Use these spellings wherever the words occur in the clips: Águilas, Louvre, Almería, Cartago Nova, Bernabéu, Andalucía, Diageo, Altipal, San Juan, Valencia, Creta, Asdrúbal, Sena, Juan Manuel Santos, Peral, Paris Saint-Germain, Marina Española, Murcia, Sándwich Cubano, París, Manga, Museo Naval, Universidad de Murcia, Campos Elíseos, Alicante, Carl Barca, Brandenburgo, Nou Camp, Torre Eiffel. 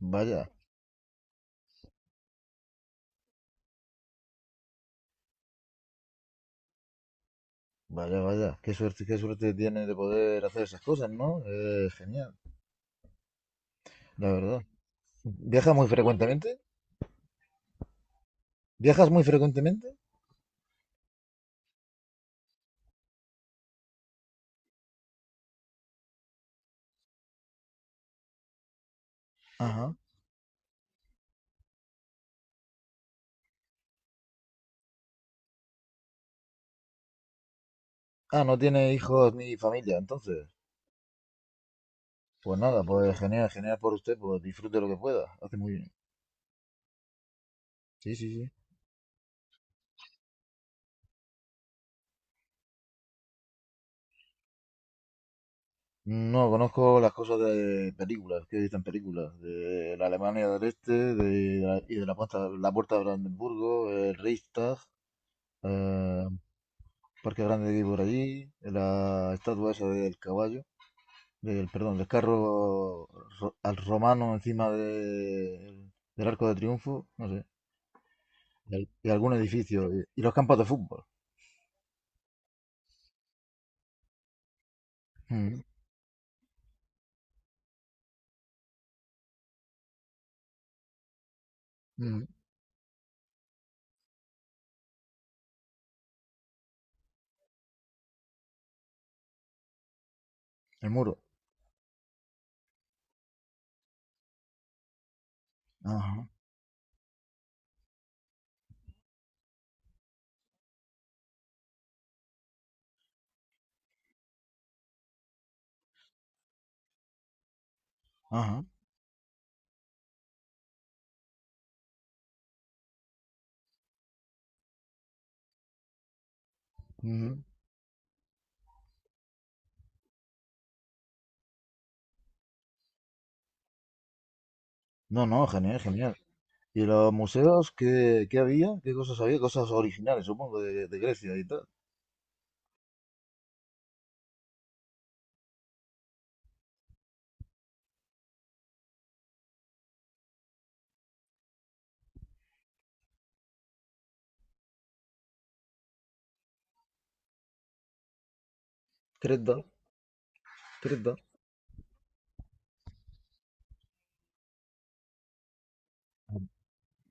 Vaya, vaya, vaya. Qué suerte tiene de poder hacer esas cosas, ¿no? Genial, la verdad. ¿Viajas muy frecuentemente? ¿Viajas muy frecuentemente? Ajá. Ah, no tiene hijos ni familia, entonces. Pues nada, pues genial, genial por usted, pues disfrute lo que pueda. Hace muy bien. Sí, sí, sí. No, conozco las cosas de películas, que he visto en películas, de la Alemania del Este y de la puerta de Brandenburgo, el Reichstag, eh, Parque Grande que hay por allí, la estatua esa del caballo. Del, perdón, del carro al romano del Arco de Triunfo, no sé, y, y algún edificio, y los campos de fútbol. Ujú, ujú, el muro, ajá, ajá, ujú. No, no, genial, genial. ¿Y los museos qué, qué había? ¿Qué cosas había? Cosas originales, supongo, de Grecia y tal. Creta, Creta.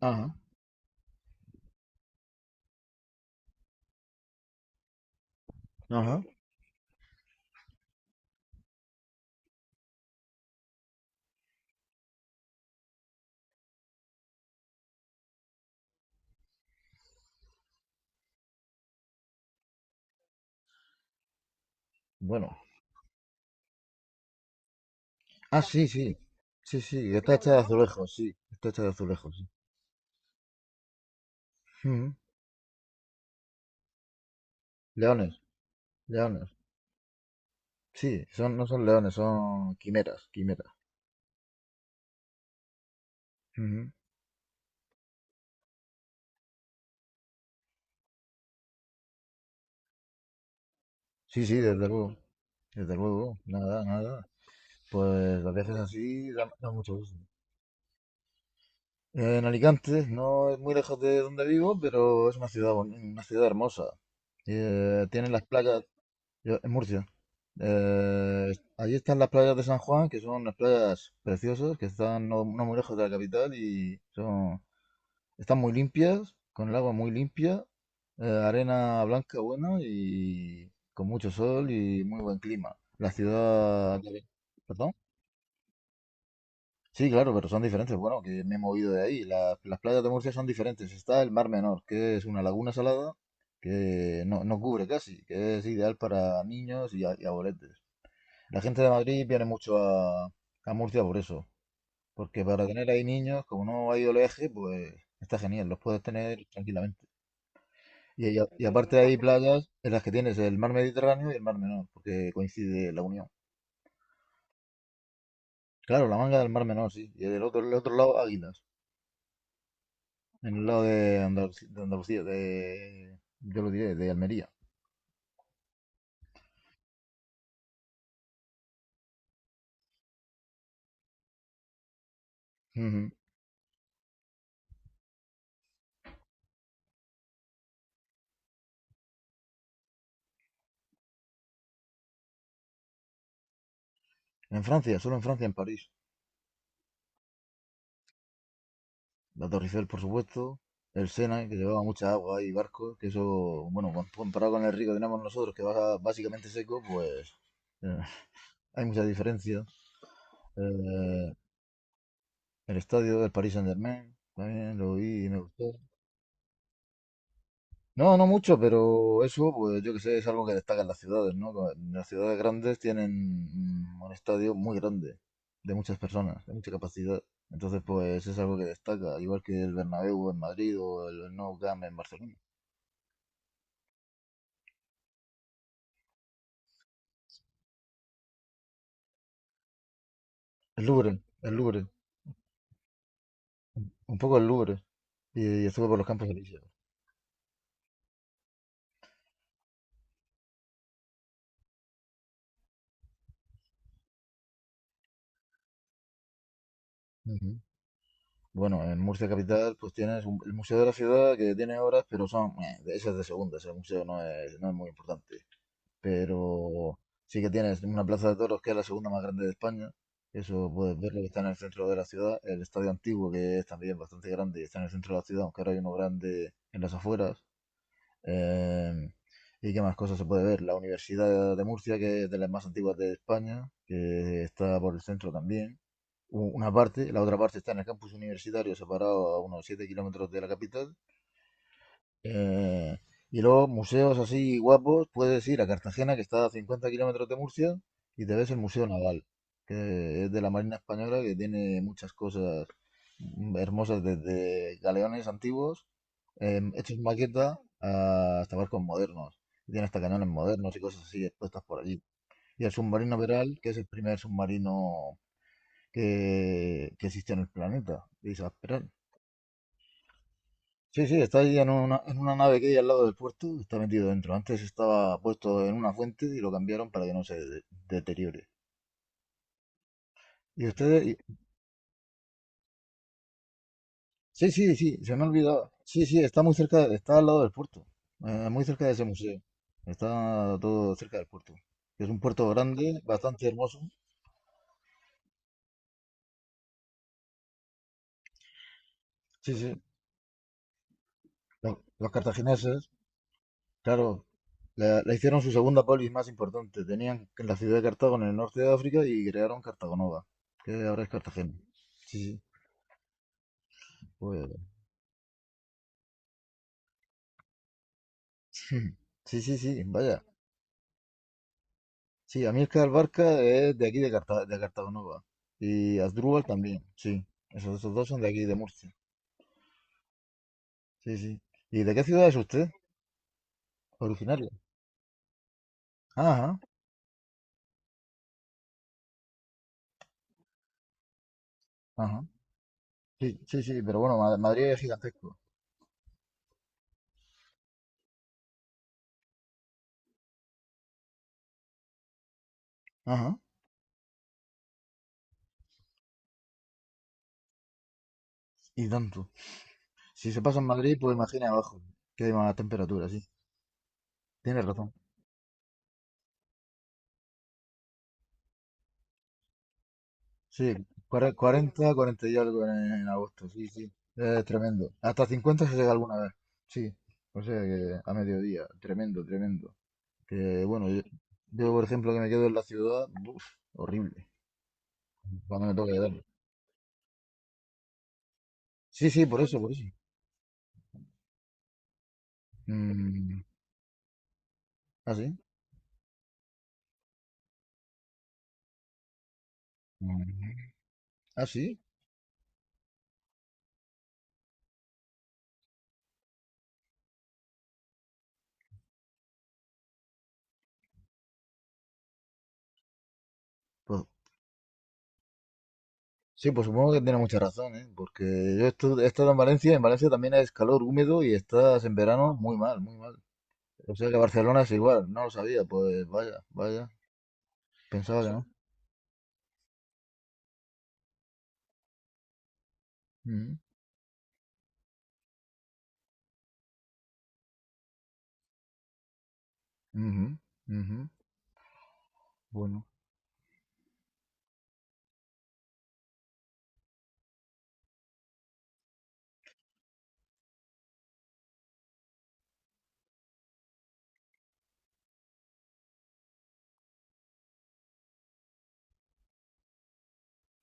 Ajá, ajá. Bueno. Ah, sí, sí. Sí, sí, está hecha de azulejos, sí. Está hecha de azulejos, sí. Ujú. Leones, leones. Sí, son, no son leones, son quimeras, quimeras. Ujú. Sí, sí, desde luego, nada, nada. Pues a veces así da, da mucho gusto. En Alicante, no es muy lejos de donde vivo, pero es una ciudad, una ciudad hermosa. Tienen las playas, en Murcia, eh, allí están las playas de San Juan, que son unas playas preciosas, que están no, no muy lejos de la capital y son. Están muy limpias, con el agua muy limpia, arena blanca buena y con mucho sol y muy buen clima. La ciudad de... ¿Perdón? Sí, claro, pero son diferentes. Bueno, que me he movido de ahí. Las playas de Murcia son diferentes. Está el Mar Menor, que es una laguna salada que no, no cubre casi, que es ideal para niños y, y abueletes. La gente de Madrid viene mucho a Murcia por eso, porque para tener ahí niños, como no hay oleaje, pues está genial, los puedes tener tranquilamente. Y y aparte hay playas en las que tienes el mar Mediterráneo y el mar Menor, porque coincide la unión. Claro, la manga del mar Menor, sí. Y del otro, el otro lado, Águilas. En el lado de Andalucía, de, Andalucía, de- yo lo diré, de Almería. Ujú. En Francia, solo en Francia, en París. La Torre Eiffel, por supuesto. El Sena, que llevaba mucha agua y barcos, que eso, bueno, comparado con el río que tenemos nosotros, que va básicamente seco, pues eh, hay muchas diferencias. Eh, el estadio del Paris Saint-Germain, también lo vi y me gustó. No, no mucho, pero eso, pues yo que sé, es algo que destaca en las ciudades, ¿no? Las ciudades grandes tienen un estadio muy grande, de muchas personas, de mucha capacidad. Entonces, pues es algo que destaca, igual que el Bernabéu en Madrid o el Nou Camp en Barcelona. El Louvre, un poco el Louvre. Y estuve por los Campos Elíseos. Ujú. Bueno, en Murcia capital, pues tienes el Museo de la Ciudad, que tiene obras, pero son, de esas de segunda, ese museo no es, no es muy importante. Pero sí que tienes una plaza de toros que es la segunda más grande de España. Eso puedes verlo, que está en el centro de la ciudad. El estadio antiguo, que es también bastante grande y está en el centro de la ciudad, aunque ahora hay uno grande en las afueras. Eh, ¿Y qué más cosas se puede ver? La Universidad de Murcia, que es de las más antiguas de España, que está por el centro también. Una parte, la otra parte está en el campus universitario, separado a unos 7 kilómetros de la capital. Eh, y luego, museos así guapos, puedes ir a Cartagena, que está a 50 kilómetros de Murcia, y te ves el Museo Naval, que es de la Marina Española, que tiene muchas cosas hermosas, desde galeones antiguos, hechos maqueta, hasta barcos modernos. Tiene hasta cañones modernos y cosas así expuestas por allí. Y el submarino Peral, que es el primer submarino que existe en el planeta. Y dices: "Pero, sí, sí, está ahí en una nave que hay al lado del puerto, está metido dentro. Antes estaba puesto en una fuente y lo cambiaron para que no se deteriore. Y ustedes, y- sí, sí, sí, se me ha olvidado. Sí, sí, está muy cerca, está al lado del puerto, muy cerca de ese museo. Está todo cerca del puerto. Es un puerto grande, bastante hermoso. Sí, sí, los cartagineses, claro, la hicieron su segunda polis más importante. Tenían la ciudad de Cartago en el norte de África y crearon Cartago Nova, que ahora es Cartagena. Sí, sí. Pues sí, sí, sí, vaya. Sí, a mí el Carl Barca es de aquí de, de Cartagonova. Y Asdrúbal también, sí. Esos, esos dos son de aquí, de Murcia. Sí, sí. ¿Y de qué ciudad es usted? Originario. Ajá, ajá. Sí, sí, sí, pero bueno, Madrid es gigantesco. Ajá. Y tanto. Si se pasa en Madrid, pues imagina abajo, que hay más temperatura, sí. Tienes razón. Sí, 40 40 y algo en agosto, sí, sí. Es tremendo. Hasta 50 se llega alguna vez. Sí. O sea que a mediodía, tremendo, tremendo. Que bueno, yo, por ejemplo, que me quedo en la ciudad, uf, horrible, cuando me toca quedarme. Sí, sí, por eso, por eso. Mm, ¿ah, sí? Mm, ¿ah, sí? Pues, sí, pues supongo que tiene mucha razón, ¿eh? Porque yo he estado en Valencia, y en Valencia también es calor húmedo y estás en verano muy mal, muy mal. O sea que Barcelona es igual, no lo sabía, pues vaya, vaya, pensaba que no. Ujú, ujú, ujú. Bueno.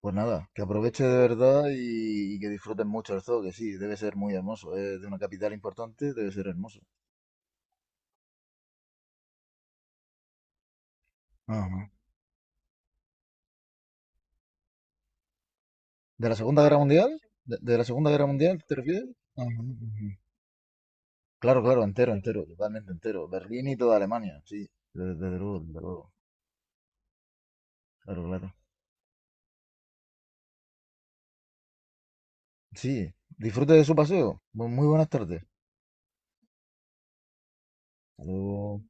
Pues nada, que aproveche de verdad y que disfruten mucho el zoo, que sí, debe ser muy hermoso. Es de una capital importante, debe ser hermoso. Ajá. ¿De la Segunda Guerra Mundial? De la Segunda Guerra Mundial te refieres? Ajá, ujú. Claro, claro, entero, entero, totalmente entero. Berlín y toda Alemania, sí. Desde, desde luego, desde luego. Claro, claro. Sí, disfrute de su paseo. Muy buenas tardes. Hasta luego.